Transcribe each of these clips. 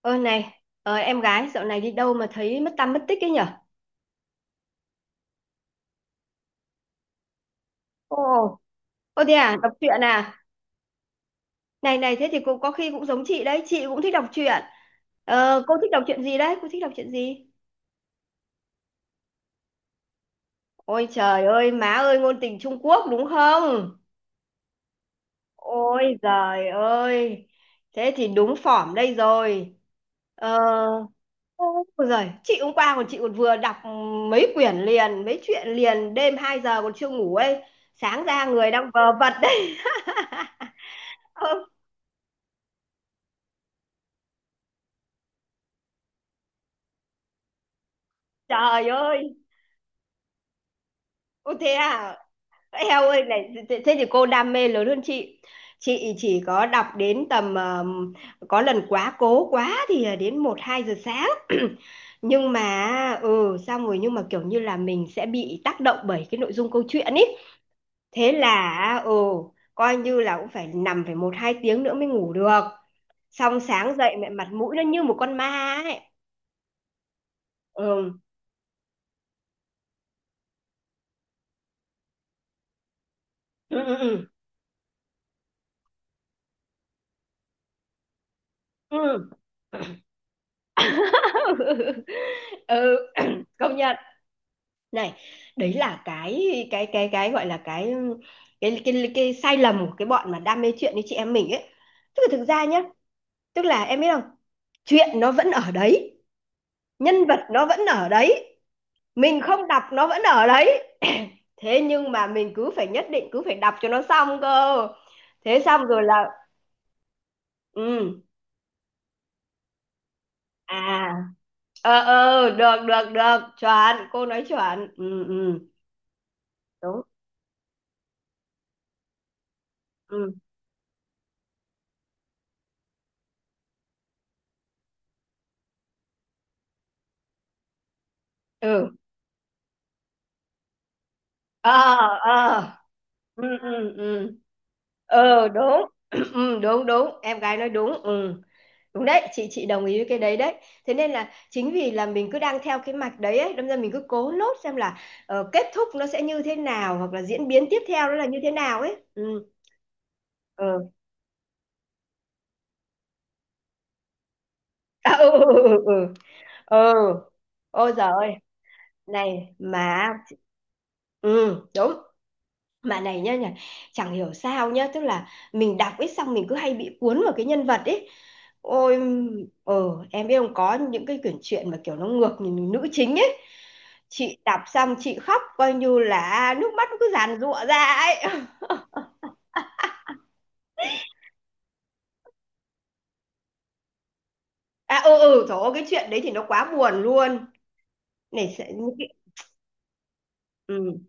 Ơ này, em gái dạo này đi đâu mà thấy mất tăm mất tích ấy nhở? Ồ, ô thế à, đọc truyện à? Này này, thế thì cô có khi cũng giống chị đấy, chị cũng thích đọc truyện. Ờ, cô thích đọc truyện gì đấy? Cô thích đọc truyện gì? Ôi trời ơi, má ơi, ngôn tình Trung Quốc đúng không? Ôi giời ơi, thế thì đúng phỏm đây rồi. Ờ, ôi giời, chị hôm qua còn chị còn vừa đọc mấy quyển liền, mấy chuyện liền, đêm 2 giờ còn chưa ngủ ấy. Sáng ra người đang vờ vật đấy. Trời ơi, ô thế à? Eo ơi này, thế thế thì cô đam mê lớn hơn chị. Chị chỉ có đọc đến tầm có lần quá cố quá thì đến một 2 giờ sáng. Nhưng mà ừ xong rồi nhưng mà kiểu như là mình sẽ bị tác động bởi cái nội dung câu chuyện ý. Thế là ừ coi như là cũng phải nằm phải một 2 tiếng nữa mới ngủ được. Xong sáng dậy mẹ mặt mũi nó như một con ma ấy. Ừ. Ừ ừ ừ. Ừ. ừ công nhận này đấy là cái gọi là cái sai lầm của cái bọn mà đam mê chuyện như chị em mình ấy, tức là thực ra nhá, tức là em biết không, chuyện nó vẫn ở đấy, nhân vật nó vẫn ở đấy, mình không đọc nó vẫn ở đấy. Thế nhưng mà mình cứ phải nhất định cứ phải đọc cho nó xong cơ, thế xong rồi là ừ, à ờ ờ được được được chuẩn, cô nói chuẩn. Ừ ừ đúng ừ ừ ờ ờ ừ ừ ừ ờ đúng. Ừ, đúng đúng em gái nói đúng. Ừ đúng đấy, chị đồng ý với cái đấy đấy. Thế nên là chính vì là mình cứ đang theo cái mạch đấy ấy, đâm ra mình cứ cố nốt xem là kết thúc nó sẽ như thế nào, hoặc là diễn biến tiếp theo nó là như thế nào ấy. Ừ ừ à, ừ ừ ừ ừ ừ. Ôi giời ơi này mà ừ đúng, bạn này nhá nhỉ, chẳng hiểu sao nhá, tức là mình đọc ít xong mình cứ hay bị cuốn vào cái nhân vật ấy. Ôi ờ em biết không, có những cái quyển truyện mà kiểu nó ngược nhìn nữ chính ấy, chị đọc xong chị khóc coi như là nước mắt nó cứ giàn giụa ra ấy. à ừ ừ trời ơi cái chuyện đấy thì nó quá buồn luôn. Này sẽ những cái ừ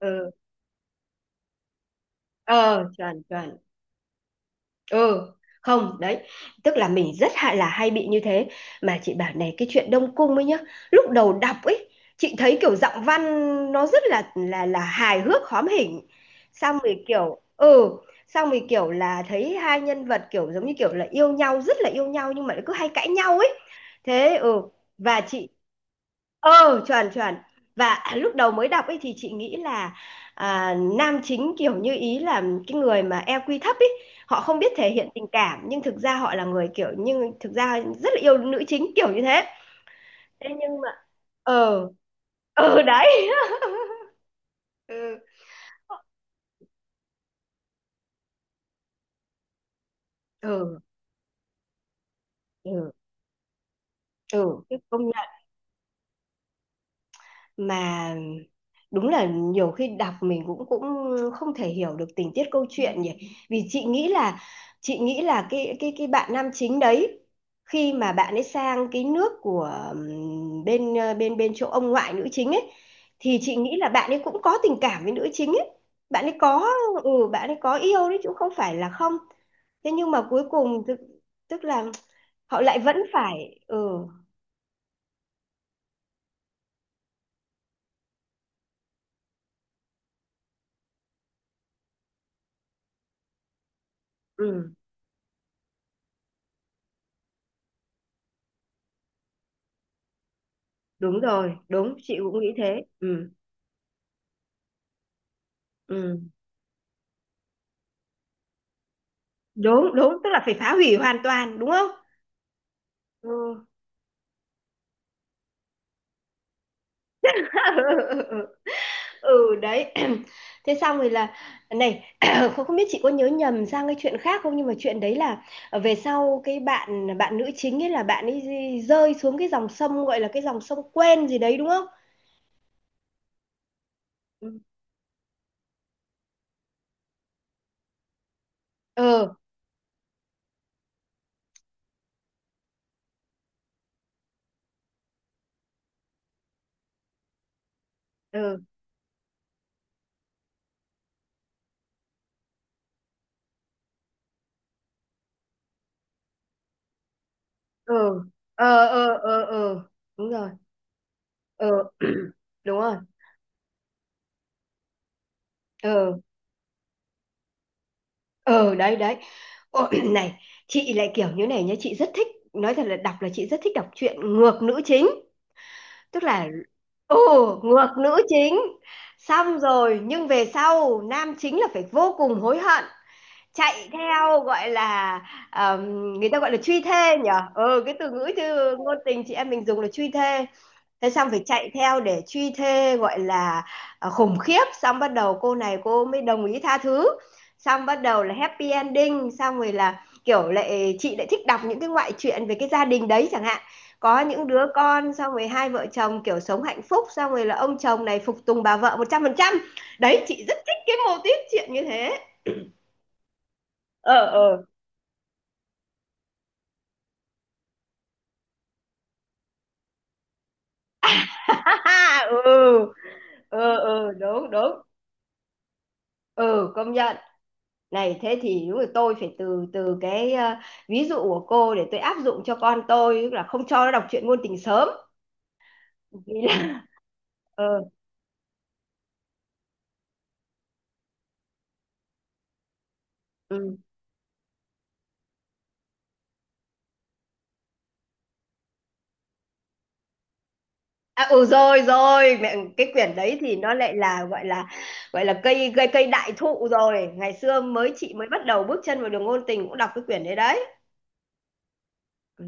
ừ ờ chuẩn chuẩn ừ không đấy, tức là mình rất hay là hay bị như thế. Mà chị bảo này, cái chuyện Đông Cung ấy nhá, lúc đầu đọc ấy, chị thấy kiểu giọng văn nó rất là là hài hước hóm hỉnh, xong rồi kiểu ừ xong rồi kiểu là thấy hai nhân vật kiểu giống như kiểu là yêu nhau, rất là yêu nhau nhưng mà lại cứ hay cãi nhau ấy. Thế ừ và chị ờ chuẩn chuẩn, và lúc đầu mới đọc ấy thì chị nghĩ là à, nam chính kiểu như ý là cái người mà EQ thấp ấy, họ không biết thể hiện tình cảm nhưng thực ra họ là người kiểu, nhưng thực ra rất là yêu nữ chính kiểu như thế. Thế nhưng mà ờ ờ đấy ừ ừ ừ ừ công mà đúng là nhiều khi đọc mình cũng cũng không thể hiểu được tình tiết câu chuyện nhỉ. Vì chị nghĩ là, chị nghĩ là cái cái bạn nam chính đấy, khi mà bạn ấy sang cái nước của bên ờ, bên bên chỗ ông ngoại nữ chính ấy, thì chị nghĩ là bạn ấy cũng có tình cảm với nữ chính ấy, bạn ấy có ừ bạn ấy có yêu đấy chứ không phải là không. Thế nhưng mà cuối cùng tức là họ lại vẫn phải ừ ừ đúng rồi đúng chị cũng nghĩ thế. Ừ ừ. Đúng đúng tức là phải phá hủy hoàn toàn đúng không ừ, ừ đấy. Thế xong rồi là này, không không biết chị có nhớ nhầm sang cái chuyện khác không, nhưng mà chuyện đấy là về sau cái bạn bạn nữ chính ấy là bạn ấy rơi xuống cái dòng sông gọi là cái dòng sông quen gì đấy đúng không. Ừ ờ ừ ừ ờ ờ ờ ờ đúng rồi ờ đúng rồi ờ ừ đấy đấy. Ồ, này chị lại kiểu như này nhá, chị rất thích, nói thật là đọc là chị rất thích đọc truyện ngược nữ chính, tức là ồ ngược nữ chính, xong rồi nhưng về sau nam chính là phải vô cùng hối hận, chạy theo gọi là ờm, người ta gọi là truy thê nhở, ờ cái từ ngữ chứ ngôn tình chị em mình dùng là truy thê. Thế xong phải chạy theo để truy thê gọi là à, khủng khiếp, xong bắt đầu cô này cô mới đồng ý tha thứ, xong bắt đầu là happy ending, xong rồi là kiểu lại chị lại thích đọc những cái ngoại truyện về cái gia đình đấy chẳng hạn, có những đứa con, xong rồi hai vợ chồng kiểu sống hạnh phúc, xong rồi là ông chồng này phục tùng bà vợ một trăm phần trăm. Đấy chị rất thích cái mô típ chuyện như thế. Ờ ờ ừ ừ ừ đúng đúng ừ công nhận. Này thế thì đúng là tôi phải từ từ cái ví dụ của cô để tôi áp dụng cho con tôi, tức là không cho nó đọc truyện ngôn tình sớm. Vì là- ờ ừ. À, ừ rồi rồi mẹ cái quyển đấy thì nó lại là gọi là gọi là cây cây cây đại thụ rồi, ngày xưa mới chị mới bắt đầu bước chân vào đường ngôn tình cũng đọc cái quyển đấy đấy. Ừ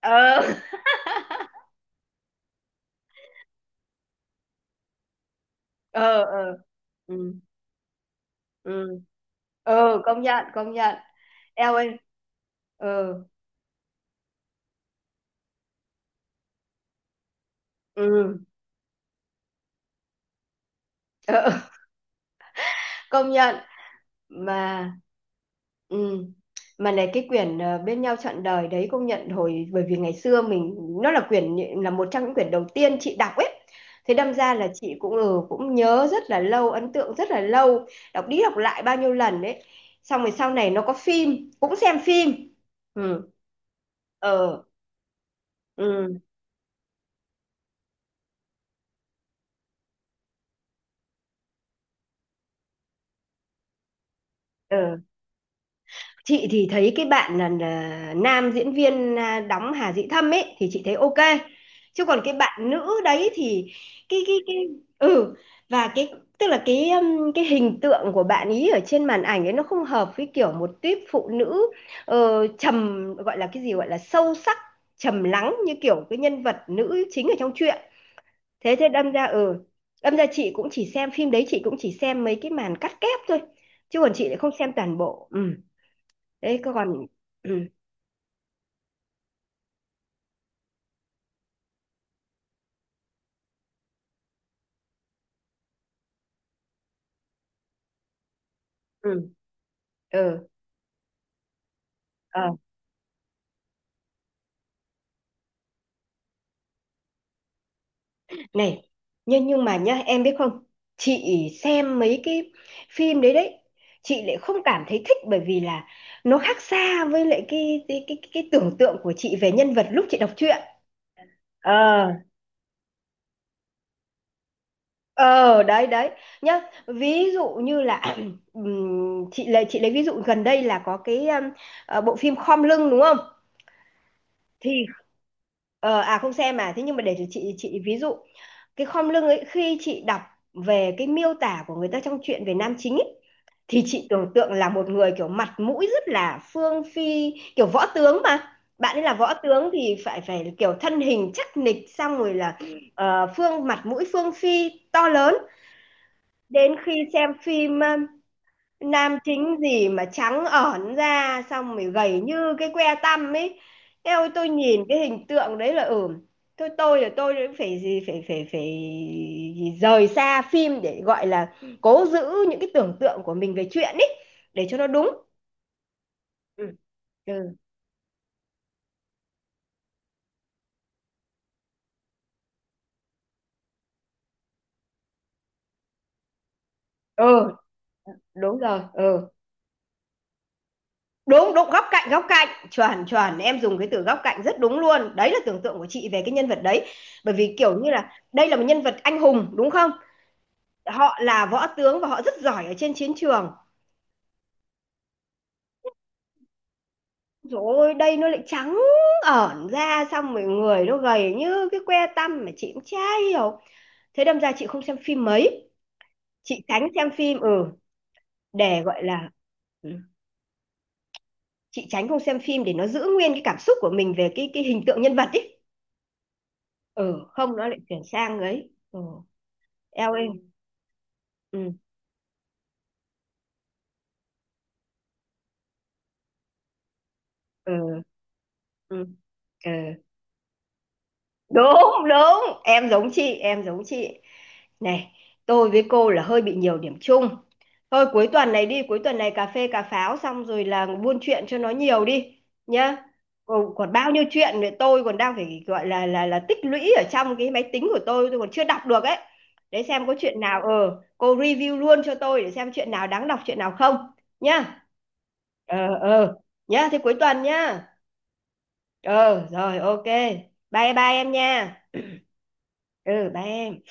ờ ờ ờ, ừ ừ ừ công nhận eo ơi ừ ừ, ừ. Công nhận mà ừ. Mà này cái quyển bên nhau trọn đời đấy, công nhận hồi bởi vì ngày xưa mình, nó là quyển là một trong những quyển đầu tiên chị đọc ấy, thế đâm ra là chị cũng ừ, cũng nhớ rất là lâu, ấn tượng rất là lâu, đọc đi đọc lại bao nhiêu lần đấy, xong rồi sau này nó có phim cũng xem phim. Ừ ờ ừ ừ. Chị thì thấy cái bạn là nam diễn viên à, đóng Hà Dĩ Thâm ấy thì chị thấy ok, chứ còn cái bạn nữ đấy thì cái ừ và cái, tức là cái hình tượng của bạn ý ở trên màn ảnh ấy nó không hợp với kiểu một típ phụ nữ trầm gọi là cái gì gọi là sâu sắc trầm lắng như kiểu cái nhân vật nữ chính ở trong truyện. Thế thế đâm ra ừ đâm ra chị cũng chỉ xem phim đấy, chị cũng chỉ xem mấy cái màn cắt ghép thôi, chứ còn chị lại không xem toàn bộ. Ừ đấy có còn ừ ừ ừ ờ. Này, nhưng mà nhá em biết không, chị xem mấy cái phim đấy đấy, chị lại không cảm thấy thích, bởi vì là nó khác xa với lại cái cái tưởng tượng của chị về nhân vật lúc chị đọc truyện. Ờ ờ đấy đấy nhá, ví dụ như là chị lấy ví dụ gần đây là có cái bộ phim Khom lưng đúng không, thì à không xem à, thế nhưng mà để cho chị ví dụ. Cái khom lưng ấy, khi chị đọc về cái miêu tả của người ta trong truyện về nam chính ấy, thì chị tưởng tượng là một người kiểu mặt mũi rất là phương phi kiểu võ tướng, mà bạn ấy là võ tướng thì phải phải kiểu thân hình chắc nịch, xong rồi là phương mặt mũi phương phi to lớn. Đến khi xem phim nam chính gì mà trắng ẩn ra xong rồi gầy như cái que tăm ấy. Thế ôi tôi nhìn cái hình tượng đấy là ừ thôi tôi là tôi cũng phải gì phải phải phải rời xa phim để gọi là cố giữ những cái tưởng tượng của mình về chuyện ấy để cho nó đúng. Ừ. Ừ ừ đúng rồi ừ đúng đúng góc cạnh chuẩn chuẩn, em dùng cái từ góc cạnh rất đúng luôn, đấy là tưởng tượng của chị về cái nhân vật đấy. Bởi vì kiểu như là đây là một nhân vật anh hùng đúng không, họ là võ tướng và họ rất giỏi ở trên chiến trường. Rồi ôi đây nó lại trắng ẩn ra xong rồi người nó gầy như cái que tăm, mà chị cũng chả hiểu. Thế đâm ra chị không xem phim mấy, chị tránh xem phim ừ để gọi là ừ, chị tránh không xem phim để nó giữ nguyên cái cảm xúc của mình về cái hình tượng nhân vật ấy. Ừ không nó lại chuyển sang ấy ừ eo ơi ừ ừ ừ ừ đúng đúng em giống chị em giống chị. Này, tôi với cô là hơi bị nhiều điểm chung. Thôi cuối tuần này đi, cuối tuần này cà phê cà pháo xong rồi là buôn chuyện cho nó nhiều đi nhá. Còn, còn bao nhiêu chuyện nữa tôi còn đang phải gọi là là tích lũy ở trong cái máy tính của tôi còn chưa đọc được ấy. Để xem có chuyện nào cô review luôn cho tôi để xem chuyện nào đáng đọc chuyện nào không nhá. Ờ ờ nhá, thế cuối tuần nhá. Ờ rồi ok. Bye bye em nha. Ừ bye em.